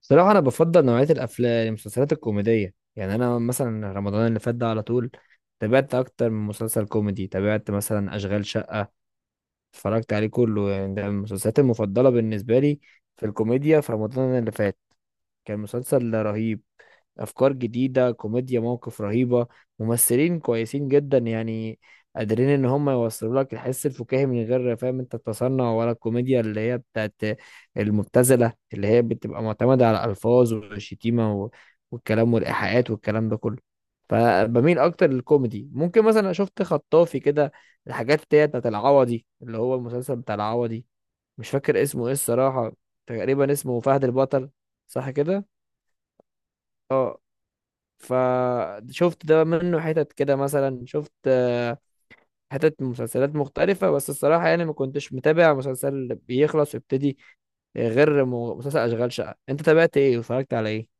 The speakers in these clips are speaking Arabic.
صراحة، أنا بفضل نوعية الأفلام المسلسلات الكوميدية. يعني أنا مثلا رمضان اللي فات ده على طول تابعت أكتر من مسلسل كوميدي. تابعت مثلا أشغال شقة، اتفرجت عليه كله. يعني ده من المسلسلات المفضلة بالنسبة لي في الكوميديا في رمضان اللي فات. كان مسلسل رهيب، افكار جديده، كوميديا، مواقف رهيبه، ممثلين كويسين جدا. يعني قادرين ان هم يوصلوا لك الحس الفكاهي من غير فاهم انت التصنع، ولا الكوميديا اللي هي بتاعت المبتذله اللي هي بتبقى معتمده على الالفاظ والشتيمه والكلام والايحاءات والكلام ده كله. فبميل اكتر للكوميدي. ممكن مثلا شفت خطافي كده، الحاجات اللي هي بتاعت العوضي، اللي هو المسلسل بتاع العوضي. مش فاكر اسمه ايه الصراحه، تقريبا اسمه فهد البطل. صح كده. اه. فشفت ده منه حتت كده. مثلا شفت حتت من مسلسلات مختلفة. بس الصراحة يعني ما كنتش متابع مسلسل بيخلص ويبتدي غير مسلسل أشغال شقة. أنت تابعت إيه واتفرجت على إيه؟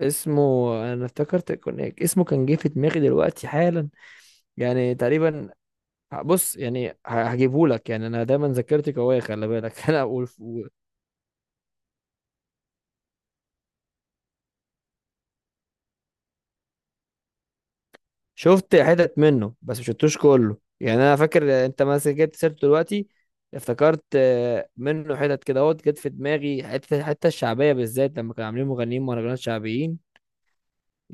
اسمه، أنا افتكرت كان اسمه، كان جه في دماغي دلوقتي حالا يعني تقريبا. بص يعني هجيبهولك، يعني أنا دايما ذاكرتي قوية، خلي بالك أنا أقول. شفت حتت منه بس مش شفتوش كله. يعني انا فاكر انت مثلا جبت سيرته دلوقتي، افتكرت منه حتت كده اهوت جت في دماغي، الحته الشعبيه بالذات، لما كانوا عاملين مغنيين مهرجانات شعبيين.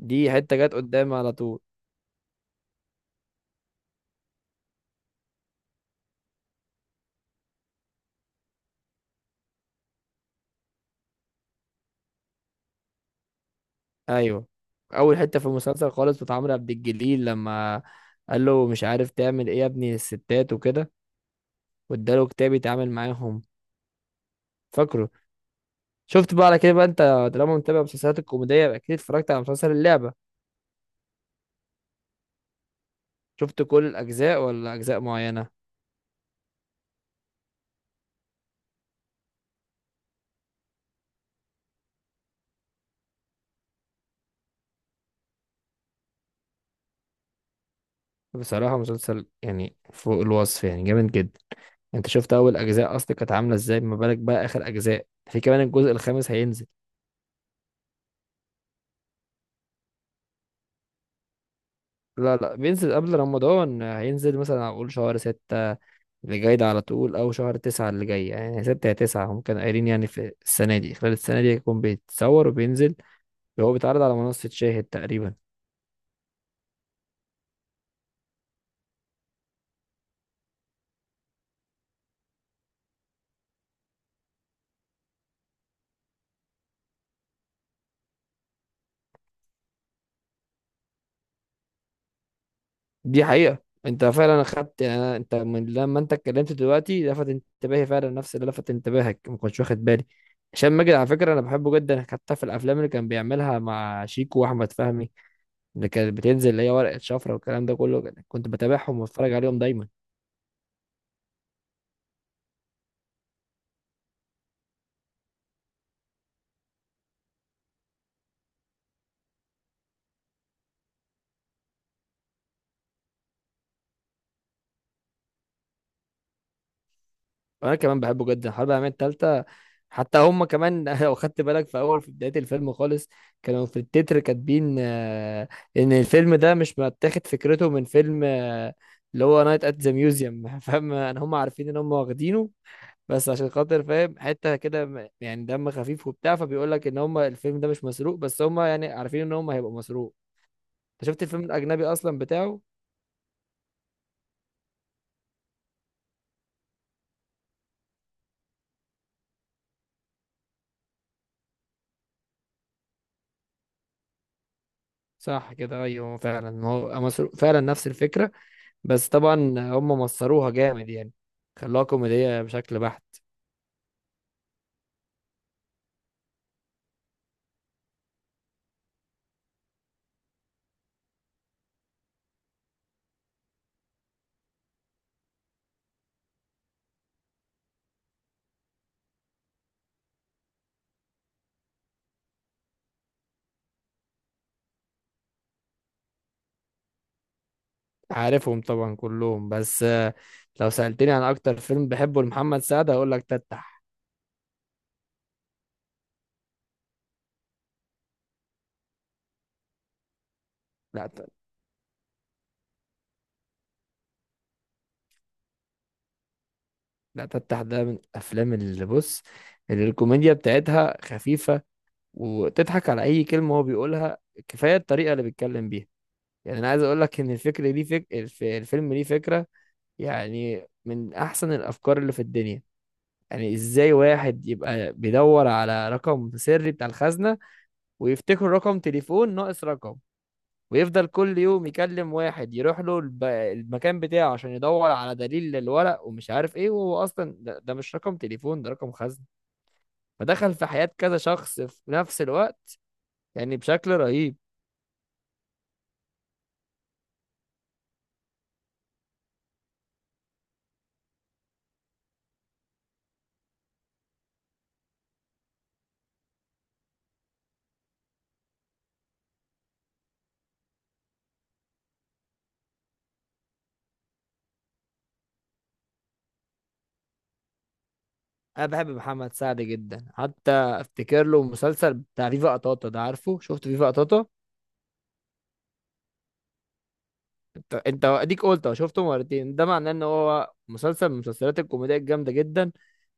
دي حته جت قدامي على طول. ايوه. اول حته في المسلسل خالص بتاع عمرو عبد الجليل، لما قال له مش عارف تعمل ايه يا ابني الستات وكده، واداله كتاب يتعامل معاهم. فاكره. شفت بقى على كده بقى انت، طالما متابع مسلسلات الكوميديا يبقى اكيد اتفرجت على مسلسل اللعبه. شفت كل الاجزاء ولا اجزاء معينه؟ بصراحة مسلسل يعني فوق الوصف، يعني جامد جدا. انت شفت اول اجزاء اصلا كانت عاملة ازاي، ما بالك بقى اخر اجزاء، في كمان الجزء الخامس هينزل. لا لا، بينزل قبل رمضان. هينزل مثلا اقول شهر 6 اللي جاي ده على طول، او شهر 9 اللي جاي. يعني 6 يا 9 هم كانوا قايلين. يعني في السنة دي، خلال السنة دي هيكون بيتصور وبينزل. هو بيتعرض على منصة شاهد تقريبا. دي حقيقة. انت فعلا اخدت يعني، انت من لما انت اتكلمت دلوقتي لفت انتباهي فعلا نفس اللي لفت انتباهك، ما كنتش واخد بالي. هشام ماجد على فكرة انا بحبه جدا، حتى في الافلام اللي كان بيعملها مع شيكو واحمد فهمي، اللي كانت بتنزل، اللي هي ورقة شفرة والكلام ده كله، كنت بتابعهم واتفرج عليهم دايما. انا كمان بحبه جدا، حرب العالميه الثالثه. حتى هم كمان لو خدت بالك في بدايه الفيلم خالص، كانوا في التتر كاتبين ان الفيلم ده مش متاخد فكرته من فيلم اللي هو نايت ات ذا ميوزيوم. فاهم انا، هم عارفين ان هم واخدينه، بس عشان خاطر فاهم حته كده، يعني دم خفيف وبتاع، فبيقول لك ان هم الفيلم ده مش مسروق، بس هم يعني عارفين ان هم هيبقى مسروق. انت شفت الفيلم الاجنبي اصلا بتاعه؟ صح كده، ايوه فعلا هو مسروق فعلا، نفس الفكره. بس طبعا هم مصروها جامد يعني، خلوها كوميدية بشكل بحت. عارفهم طبعا كلهم، بس لو سألتني عن أكتر فيلم بحبه لمحمد سعد هقول لك تتح. لا ت- لا تتح ده من الأفلام، اللي بص اللي الكوميديا بتاعتها خفيفة، وتضحك على أي كلمة هو بيقولها. كفاية الطريقة اللي بيتكلم بيها. يعني أنا عايز أقول لك إن الفكرة دي، الفيلم ليه فكرة يعني من أحسن الأفكار اللي في الدنيا. يعني إزاي واحد يبقى بيدور على رقم سري بتاع الخزنة، ويفتكروا رقم تليفون ناقص رقم، ويفضل كل يوم يكلم واحد يروح له المكان بتاعه عشان يدور على دليل للورق ومش عارف ايه، وهو اصلا ده مش رقم تليفون، ده رقم خزنة. فدخل في حياة كذا شخص في نفس الوقت، يعني بشكل رهيب. انا بحب محمد سعد جدا، حتى افتكر له مسلسل بتاع فيفا قطاطا ده، عارفه؟ شفت فيفا قطاطا؟ انت اديك قلت أهو، شفته مرتين، ده معناه ان هو مسلسل من المسلسلات الكوميدية الجامدة جدا،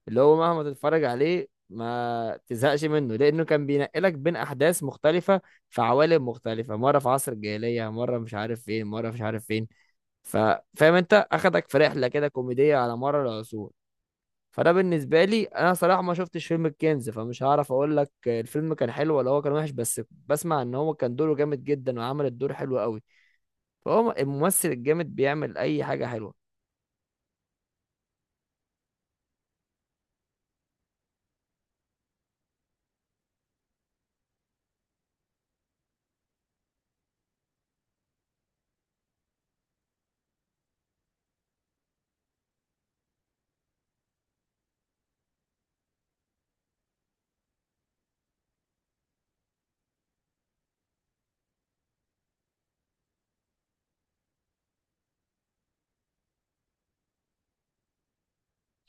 اللي هو مهما تتفرج عليه ما تزهقش منه، لانه كان بينقلك بين احداث مختلفه في عوالم مختلفه. مره في عصر الجاهليه، مره مش عارف فين، مره مش عارف فين. ف- فاهم انت، اخدك في رحله كده كوميديه على مر العصور. فده بالنسبه لي، انا صراحه ما شفتش فيلم الكنز، فمش هعرف اقول لك الفيلم كان حلو ولا هو كان وحش، بس بسمع ان هو كان دوره جامد جدا وعمل الدور حلو قوي. فهو الممثل الجامد بيعمل اي حاجه حلوه.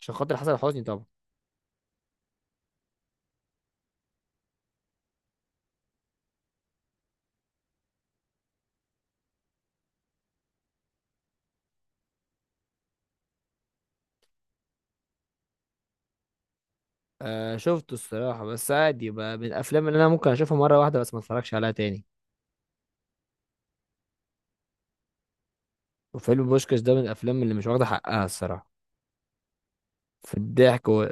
عشان خاطر حسن حسني طبعا. آه شفته الصراحة، بس عادي بقى، من الأفلام اللي أنا ممكن أشوفها مرة واحدة بس ما أتفرجش عليها تاني. وفيلم بوشكاش ده من الأفلام اللي مش واخدة حقها الصراحة في الضحك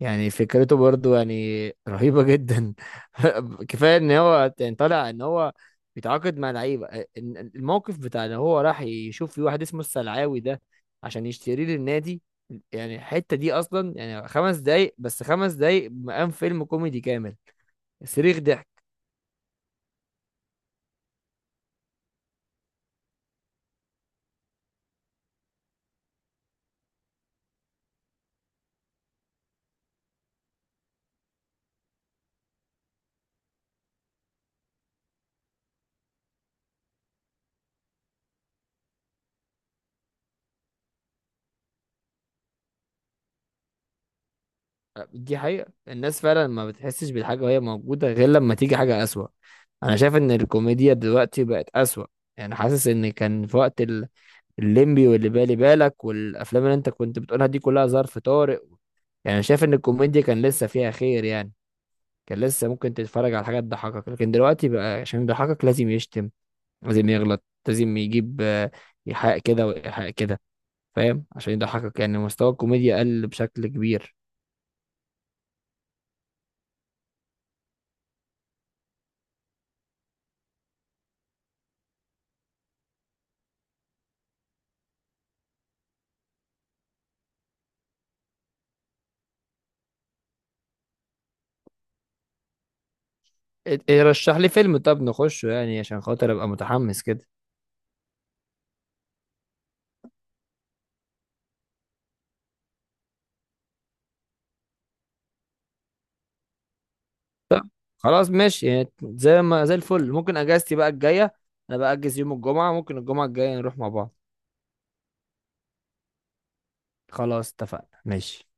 يعني فكرته برضو يعني رهيبة جدا. كفاية إن هو يعني طالع إن هو بيتعاقد مع لعيبة، الموقف بتاع إن هو راح يشوف في واحد اسمه السلعاوي ده عشان يشتريه للنادي. يعني الحتة دي أصلا يعني 5 دقايق، بس 5 دقايق مقام فيلم كوميدي كامل. صريخ ضحك. دي حقيقة، الناس فعلا ما بتحسش بالحاجة وهي موجودة غير لما تيجي حاجة أسوأ. أنا شايف إن الكوميديا دلوقتي بقت أسوأ. يعني حاسس إن كان في وقت الليمبي واللي بالي بالك والأفلام اللي أنت كنت بتقولها دي كلها، ظرف طارئ. يعني شايف إن الكوميديا كان لسه فيها خير. يعني كان لسه ممكن تتفرج على حاجة تضحكك، لكن دلوقتي بقى عشان يضحكك لازم يشتم، لازم يغلط، لازم يجيب إيحاء كده وإيحاء كده، فاهم؟ عشان يضحكك يعني مستوى الكوميديا قل بشكل كبير. إيه، رشح لي فيلم طب نخشه، يعني عشان خاطر ابقى متحمس كده. خلاص ماشي، يعني زي ما زي الفل. ممكن اجازتي بقى الجايه، انا بأجز يوم الجمعه، ممكن الجمعه الجايه نروح مع بعض. خلاص اتفقنا ماشي.